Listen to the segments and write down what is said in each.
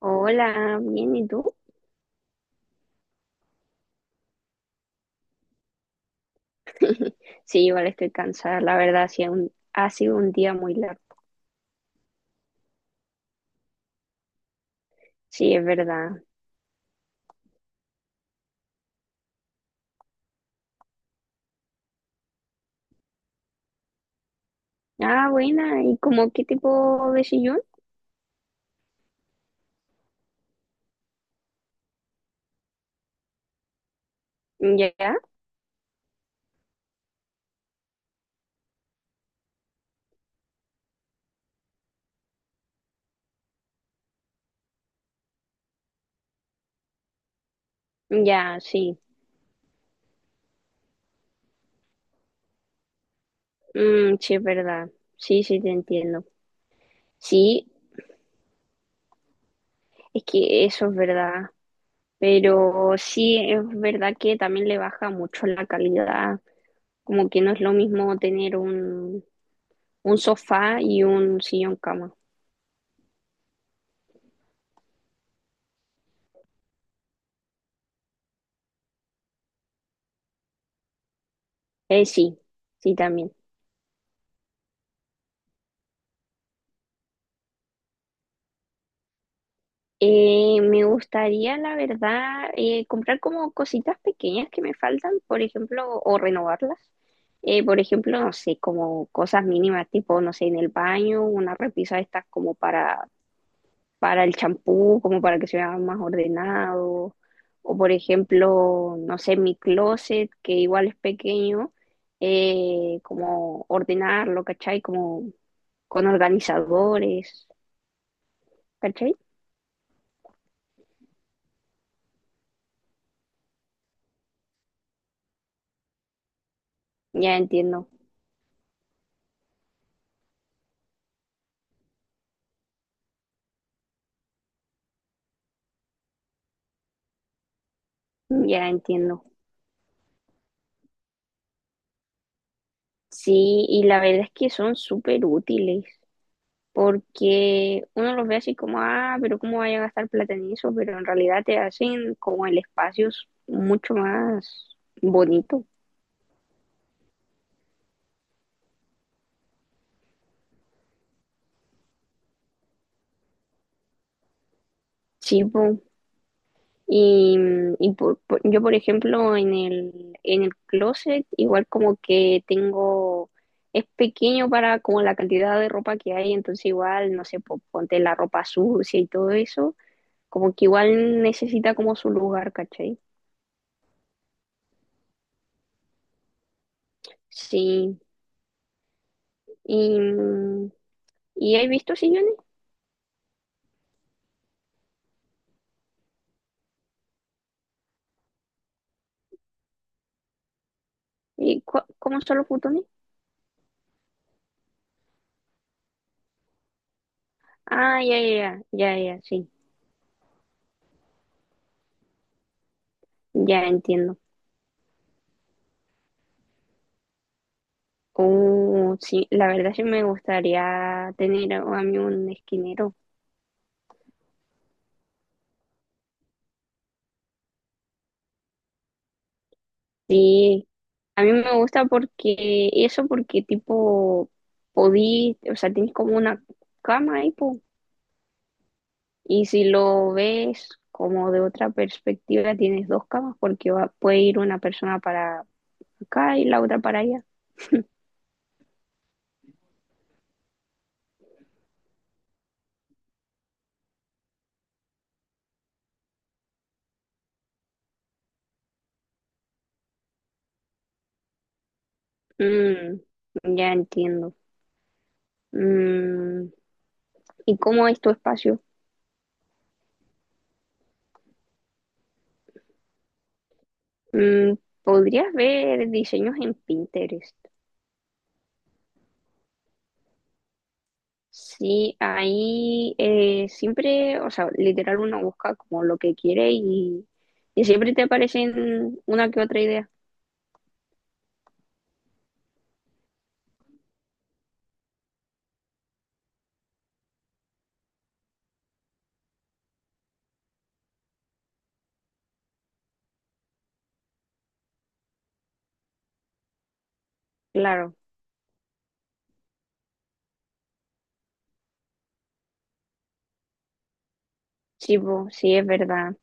Hola, bien, ¿y tú? Sí, igual estoy cansada, la verdad, sí, ha sido un día muy largo. Sí, es verdad. Ah, buena, ¿y como qué tipo de sillón? Ya, ya, sí. Mm, sí, es verdad. Sí, sí, te entiendo. Sí, es que eso es verdad, pero sí, es verdad que también le baja mucho la calidad, como que no es lo mismo tener un sofá y un sillón cama. Sí, sí, también. Me gustaría, la verdad, comprar como cositas pequeñas que me faltan, por ejemplo, o renovarlas. Por ejemplo, no sé, como cosas mínimas, tipo, no sé, en el baño, una repisa de estas como para el champú, como para que se vea más ordenado. O por ejemplo, no sé, mi closet, que igual es pequeño, como ordenarlo, ¿cachai? Como con organizadores, ¿cachai? Ya entiendo, ya entiendo. Sí, y la verdad es que son súper útiles, porque uno los ve así como, ah, pero ¿cómo vaya a gastar plata en eso? Pero en realidad te hacen como el mucho más bonito, chivo. Y, mm, y yo, por ejemplo, en en el closet, igual como que tengo, es pequeño para como la cantidad de ropa que hay, entonces igual, no sé, ponte la ropa sucia y todo eso, como que igual necesita como su lugar, ¿cachai? Sí, y, mm, y he visto sillones. ¿Y cómo son los futones? Ah, ya, ya, ya, ya, ya, sí, ya entiendo. Oh, sí, la verdad sí me gustaría tener a mí un esquinero. Sí, a mí me gusta porque, eso porque tipo, podí, o sea, tienes como una cama ahí, po, y si lo ves como de otra perspectiva, tienes dos camas porque va, puede ir una persona para acá y la otra para allá. Mm, ya entiendo. Mm, ¿y cómo es tu espacio? Mm, podrías ver diseños en Pinterest. Sí, ahí siempre, o sea, literal uno busca como lo que quiere y siempre te aparecen una que otra idea. Claro, sí, po, sí, es verdad.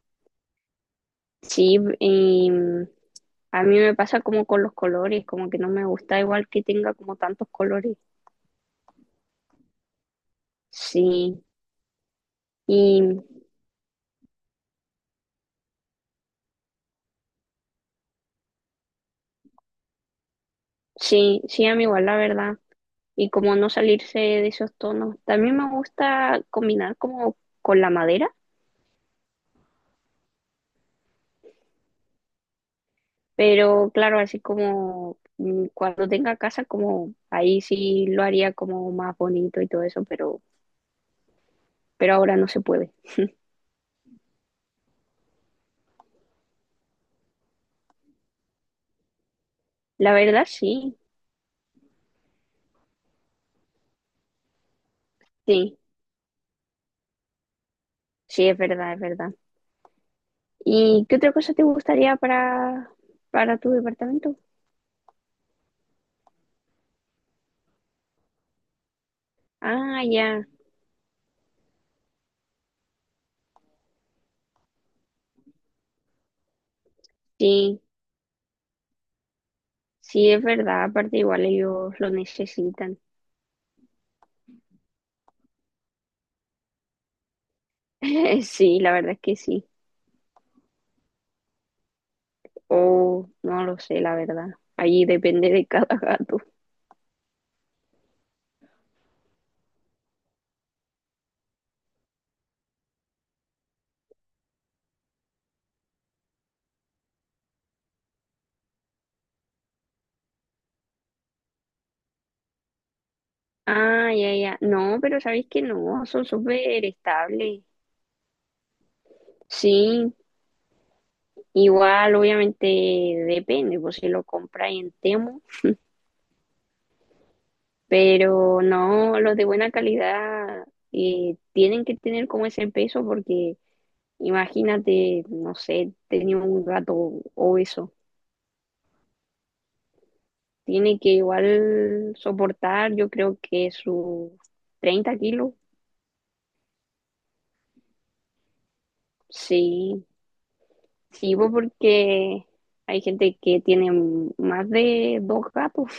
Sí, y mm, a mí me pasa como con los colores, como que no me gusta igual que tenga como tantos colores. Sí, y sí, sí, a mí igual, la verdad. Y como no salirse de esos tonos. También me gusta combinar como con la madera, pero claro, así como mm, cuando tenga casa, como ahí sí lo haría como más bonito y todo eso, pero ahora no se puede. La verdad, sí, sí, sí, es verdad, es verdad. ¿Y qué otra cosa te gustaría para tu departamento? Ah, ya, sí, sí, es verdad, aparte igual ellos lo necesitan. Sí, la verdad es que sí. Oh, no lo sé, la verdad. Ahí depende de cada gato. Ah, ya, ya. No, pero sabéis que no, son súper estables. Sí, igual, obviamente depende, pues si lo compráis en Temu, pero no, los de buena calidad tienen que tener como ese peso porque imagínate, no sé, tenía un gato obeso. Tiene que igual soportar, yo creo que sus 30 kilos. Sí, sí, pues porque hay gente que tiene más de dos gatos.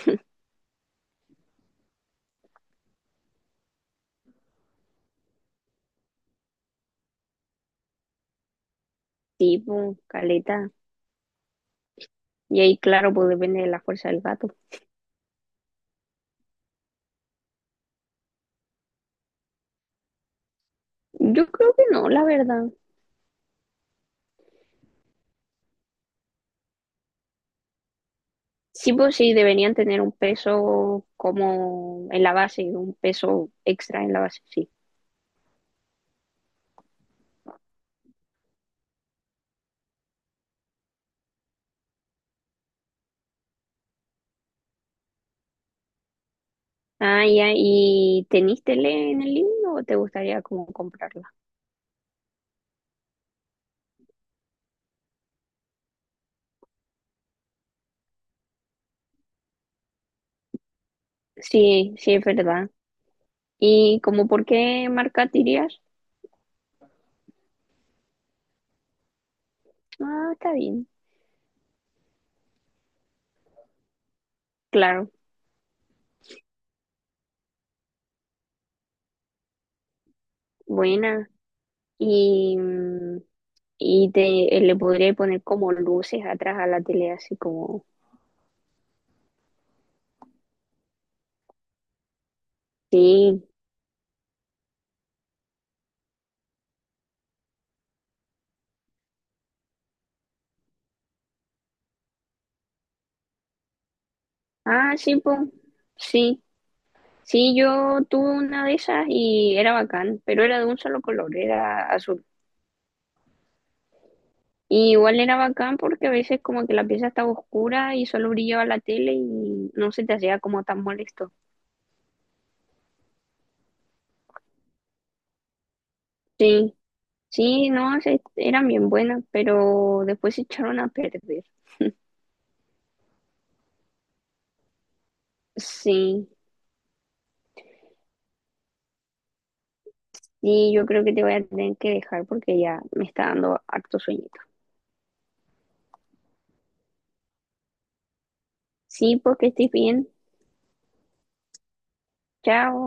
Sí, pues, caleta. Y ahí, claro, pues depende de la fuerza del gato. Yo creo que no, la verdad. Sí, pues sí, deberían tener un peso como en la base, un peso extra en la base, sí. Ah, ya, ¿y tenís tele en el libro o te gustaría como comprarla? Sí, sí, es verdad. ¿Y como por qué marca dirías? Ah, está bien. Claro, buena. Y... mm, y te, le podría poner como luces atrás a la tele, así como, sí, ah, sí, pues, sí, sí, yo tuve una de esas y era bacán, pero era de un solo color, era azul. Y igual era bacán porque a veces como que la pieza estaba oscura y solo brillaba la tele y no se te hacía como tan molesto. Sí, sí, no, eran bien buenas, pero después se echaron a perder. Sí, y yo creo que te voy a tener que dejar porque ya me está dando harto sueño. Sí, porque estoy bien. Chao.